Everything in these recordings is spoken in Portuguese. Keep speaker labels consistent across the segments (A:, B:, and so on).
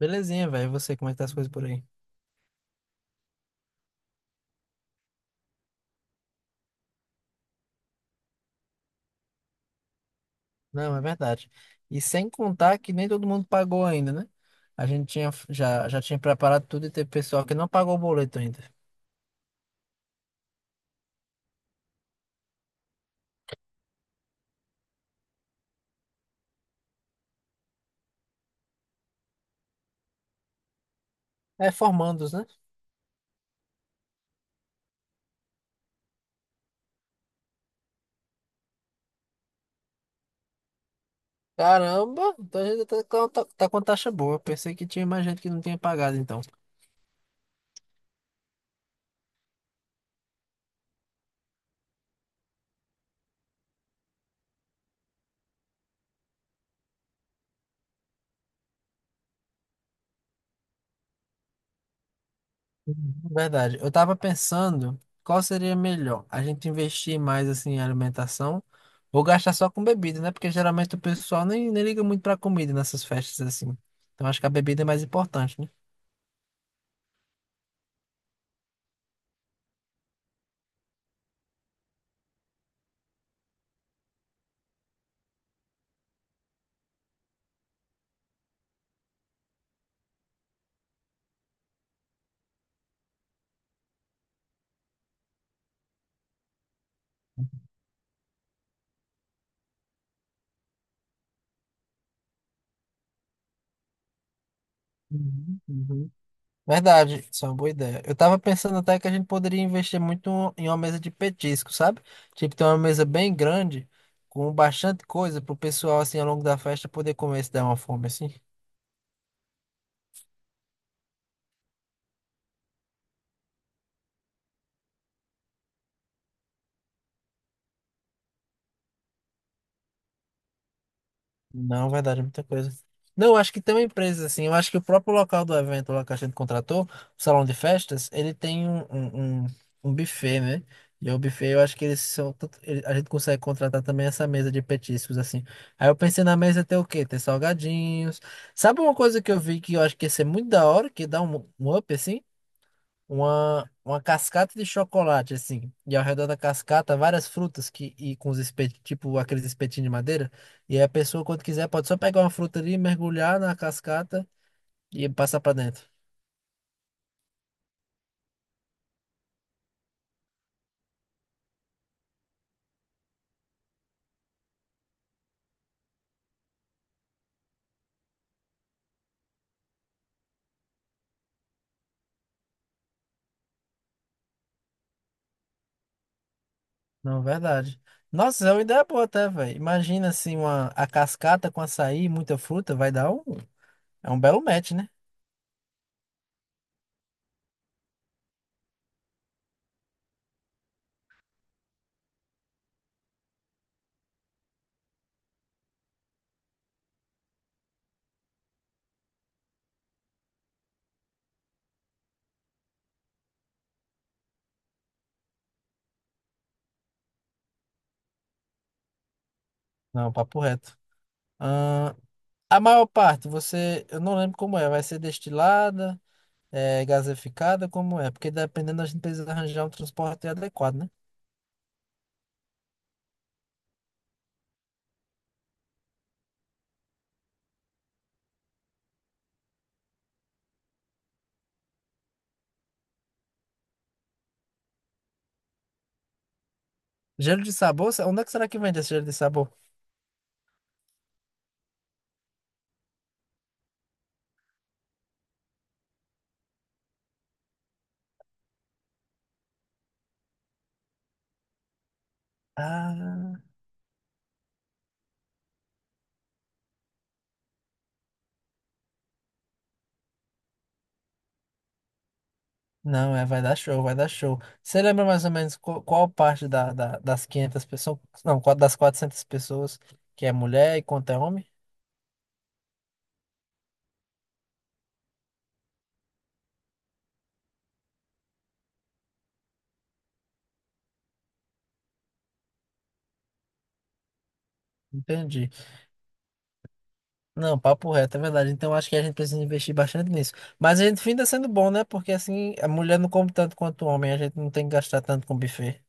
A: Belezinha, velho. E você, como é que tá as coisas por aí? Não, é verdade. E sem contar que nem todo mundo pagou ainda, né? A gente tinha, já tinha preparado tudo e teve pessoal que não pagou o boleto ainda. É, formandos, né? Caramba, então a gente tá com taxa boa. Eu pensei que tinha mais gente que não tinha pagado, então. Uhum. Verdade. Eu tava pensando qual seria melhor, a gente investir mais assim em alimentação ou gastar só com bebida, né? Porque geralmente o pessoal nem liga muito pra comida nessas festas assim. Então acho que a bebida é mais importante, né? Uhum, uhum. Verdade, isso é uma boa ideia. Eu tava pensando até que a gente poderia investir muito em uma mesa de petisco, sabe? Tipo, ter uma mesa bem grande, com bastante coisa pro pessoal, assim, ao longo da festa poder comer se der uma fome, assim. Não vai dar de muita coisa. Não, eu acho que tem empresas assim. Eu acho que o próprio local do evento lá que a gente contratou, o salão de festas, ele tem um buffet, né? E o buffet, eu acho que eles são. Tanto- ele- a gente consegue contratar também essa mesa de petiscos, assim. Aí eu pensei na mesa ter o quê? Ter salgadinhos. Sabe uma coisa que eu vi que eu acho que ia ser muito da hora, que dá um up, assim? Uma cascata de chocolate, assim, e ao redor da cascata várias frutas que, e com os espetinhos, tipo aqueles espetinhos de madeira, e aí a pessoa, quando quiser, pode só pegar uma fruta ali, mergulhar na cascata e passar pra dentro. Não, verdade. Nossa, é uma ideia boa até, velho. Imagina assim, uma, a cascata com açaí e muita fruta, vai dar um. É um belo match, né? Não, papo reto. Ahn, a maior parte, você. Eu não lembro como é, vai ser destilada. É gaseificada, como é? Porque dependendo, a gente precisa arranjar um transporte adequado, né? Gelo de sabor? Onde é que será que vende esse gelo de sabor? Ah, não, é, vai dar show, vai dar show. Você lembra mais ou menos qual parte das 500 pessoas, não, das 400 pessoas que é mulher e quanto é homem? Entendi. Não, papo reto, é verdade. Então acho que a gente precisa investir bastante nisso. Mas a gente finda sendo bom, né? Porque assim, a mulher não come tanto quanto o homem, a gente não tem que gastar tanto com buffet.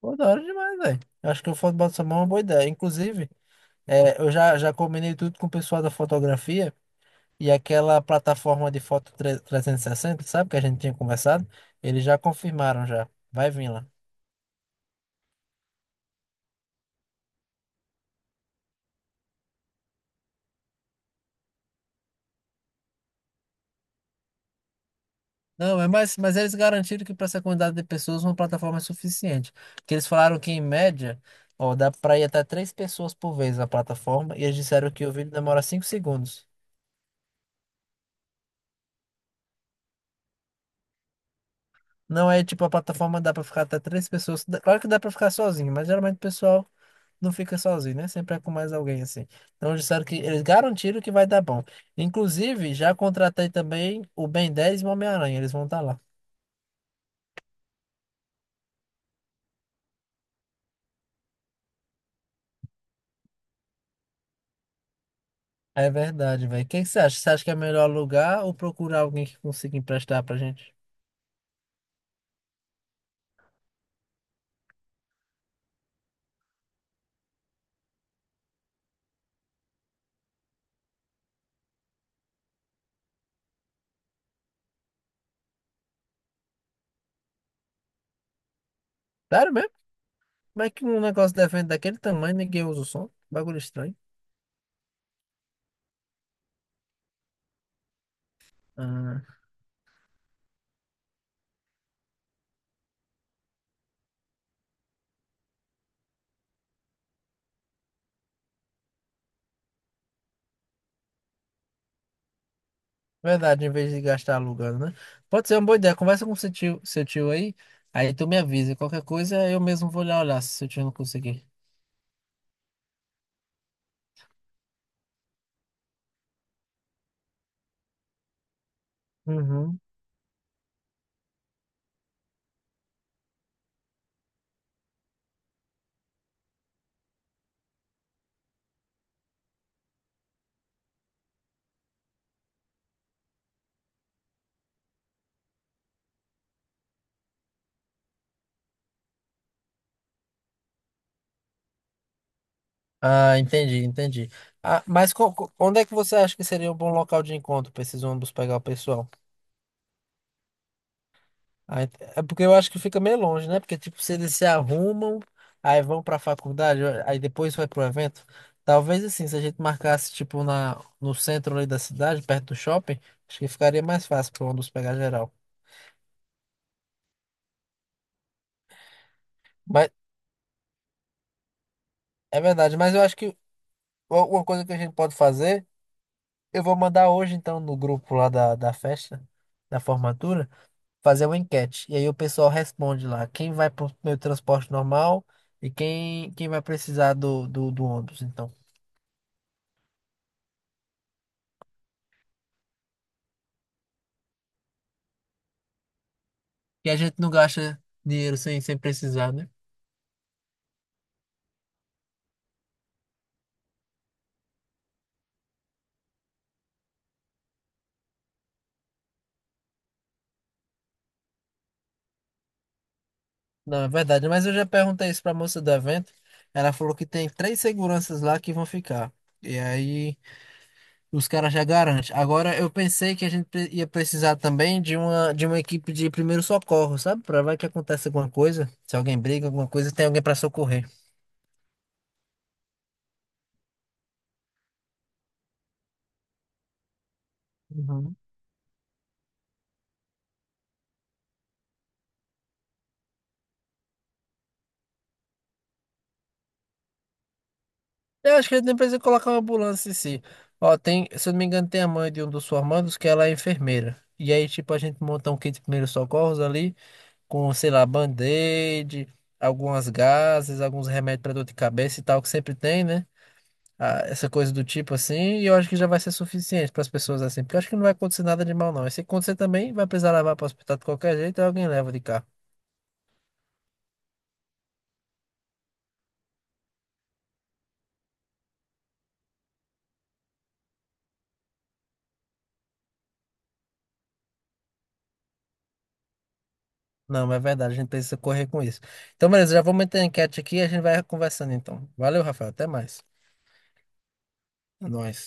A: Pô, da hora demais, velho. Acho que o futebol de sabão é uma boa ideia. Inclusive, eu já combinei tudo com o pessoal da fotografia e aquela plataforma de foto 360, sabe, que a gente tinha conversado? Eles já confirmaram já. Vai vir lá. Não, é mais, mas eles garantiram que para essa quantidade de pessoas uma plataforma é suficiente. Porque eles falaram que, em média, ó, dá para ir até três pessoas por vez na plataforma e eles disseram que o vídeo demora 5 segundos. Não é tipo a plataforma dá para ficar até três pessoas. Claro que dá para ficar sozinho, mas geralmente o pessoal não fica sozinho, né? Sempre é com mais alguém assim. Então disseram que eles garantiram que vai dar bom. Inclusive, já contratei também o Ben 10 e o Homem-Aranha, eles vão estar lá. É verdade, velho. O que que você acha? Você acha que é melhor alugar ou procurar alguém que consiga emprestar pra gente? Sério mesmo? Como é que um negócio de evento daquele tamanho ninguém usa o som? Bagulho estranho. Ah, verdade, em vez de gastar alugando, né? Pode ser uma boa ideia. Conversa com seu tio aí, aí tu me avisa. Qualquer coisa eu mesmo vou lá olhar se seu tio não conseguir. Uhum. Ah, entendi, entendi. Ah, mas onde é que você acha que seria um bom local de encontro para esses ônibus pegar o pessoal? Ah, é porque eu acho que fica meio longe, né? Porque, tipo, se eles se arrumam, aí vão para a faculdade, aí depois vai pro evento. Talvez, assim, se a gente marcasse, tipo, na, no centro ali da cidade, perto do shopping, acho que ficaria mais fácil para ônibus pegar geral. Mas, é verdade, mas eu acho que uma coisa que a gente pode fazer, eu vou mandar hoje, então, no grupo lá da festa, da formatura, fazer uma enquete. E aí o pessoal responde lá, quem vai pro meu transporte normal e quem vai precisar do ônibus, então. E a gente não gasta dinheiro sem precisar, né? Não, é verdade. Mas eu já perguntei isso pra moça do evento. Ela falou que tem três seguranças lá que vão ficar. E aí os caras já garantem. Agora eu pensei que a gente ia precisar também de uma equipe de primeiro socorro, sabe? Pra vai que acontece alguma coisa. Se alguém briga, alguma coisa, tem alguém pra socorrer. Uhum. Eu acho que ele nem precisa colocar uma ambulância em si. Ó, tem, se eu não me engano, tem a mãe de um dos formandos que ela é enfermeira. E aí, tipo, a gente monta um kit de primeiros socorros ali, com, sei lá, band-aid, algumas gases, alguns remédios para dor de cabeça e tal, que sempre tem, né? Ah, essa coisa do tipo assim. E eu acho que já vai ser suficiente para as pessoas assim, porque eu acho que não vai acontecer nada de mal, não. E se acontecer também, vai precisar levar para o hospital de qualquer jeito, aí alguém leva de carro. Não, mas é verdade, a gente precisa correr com isso. Então, beleza, já vou meter a enquete aqui e a gente vai conversando então. Valeu, Rafael, até mais. É nóis.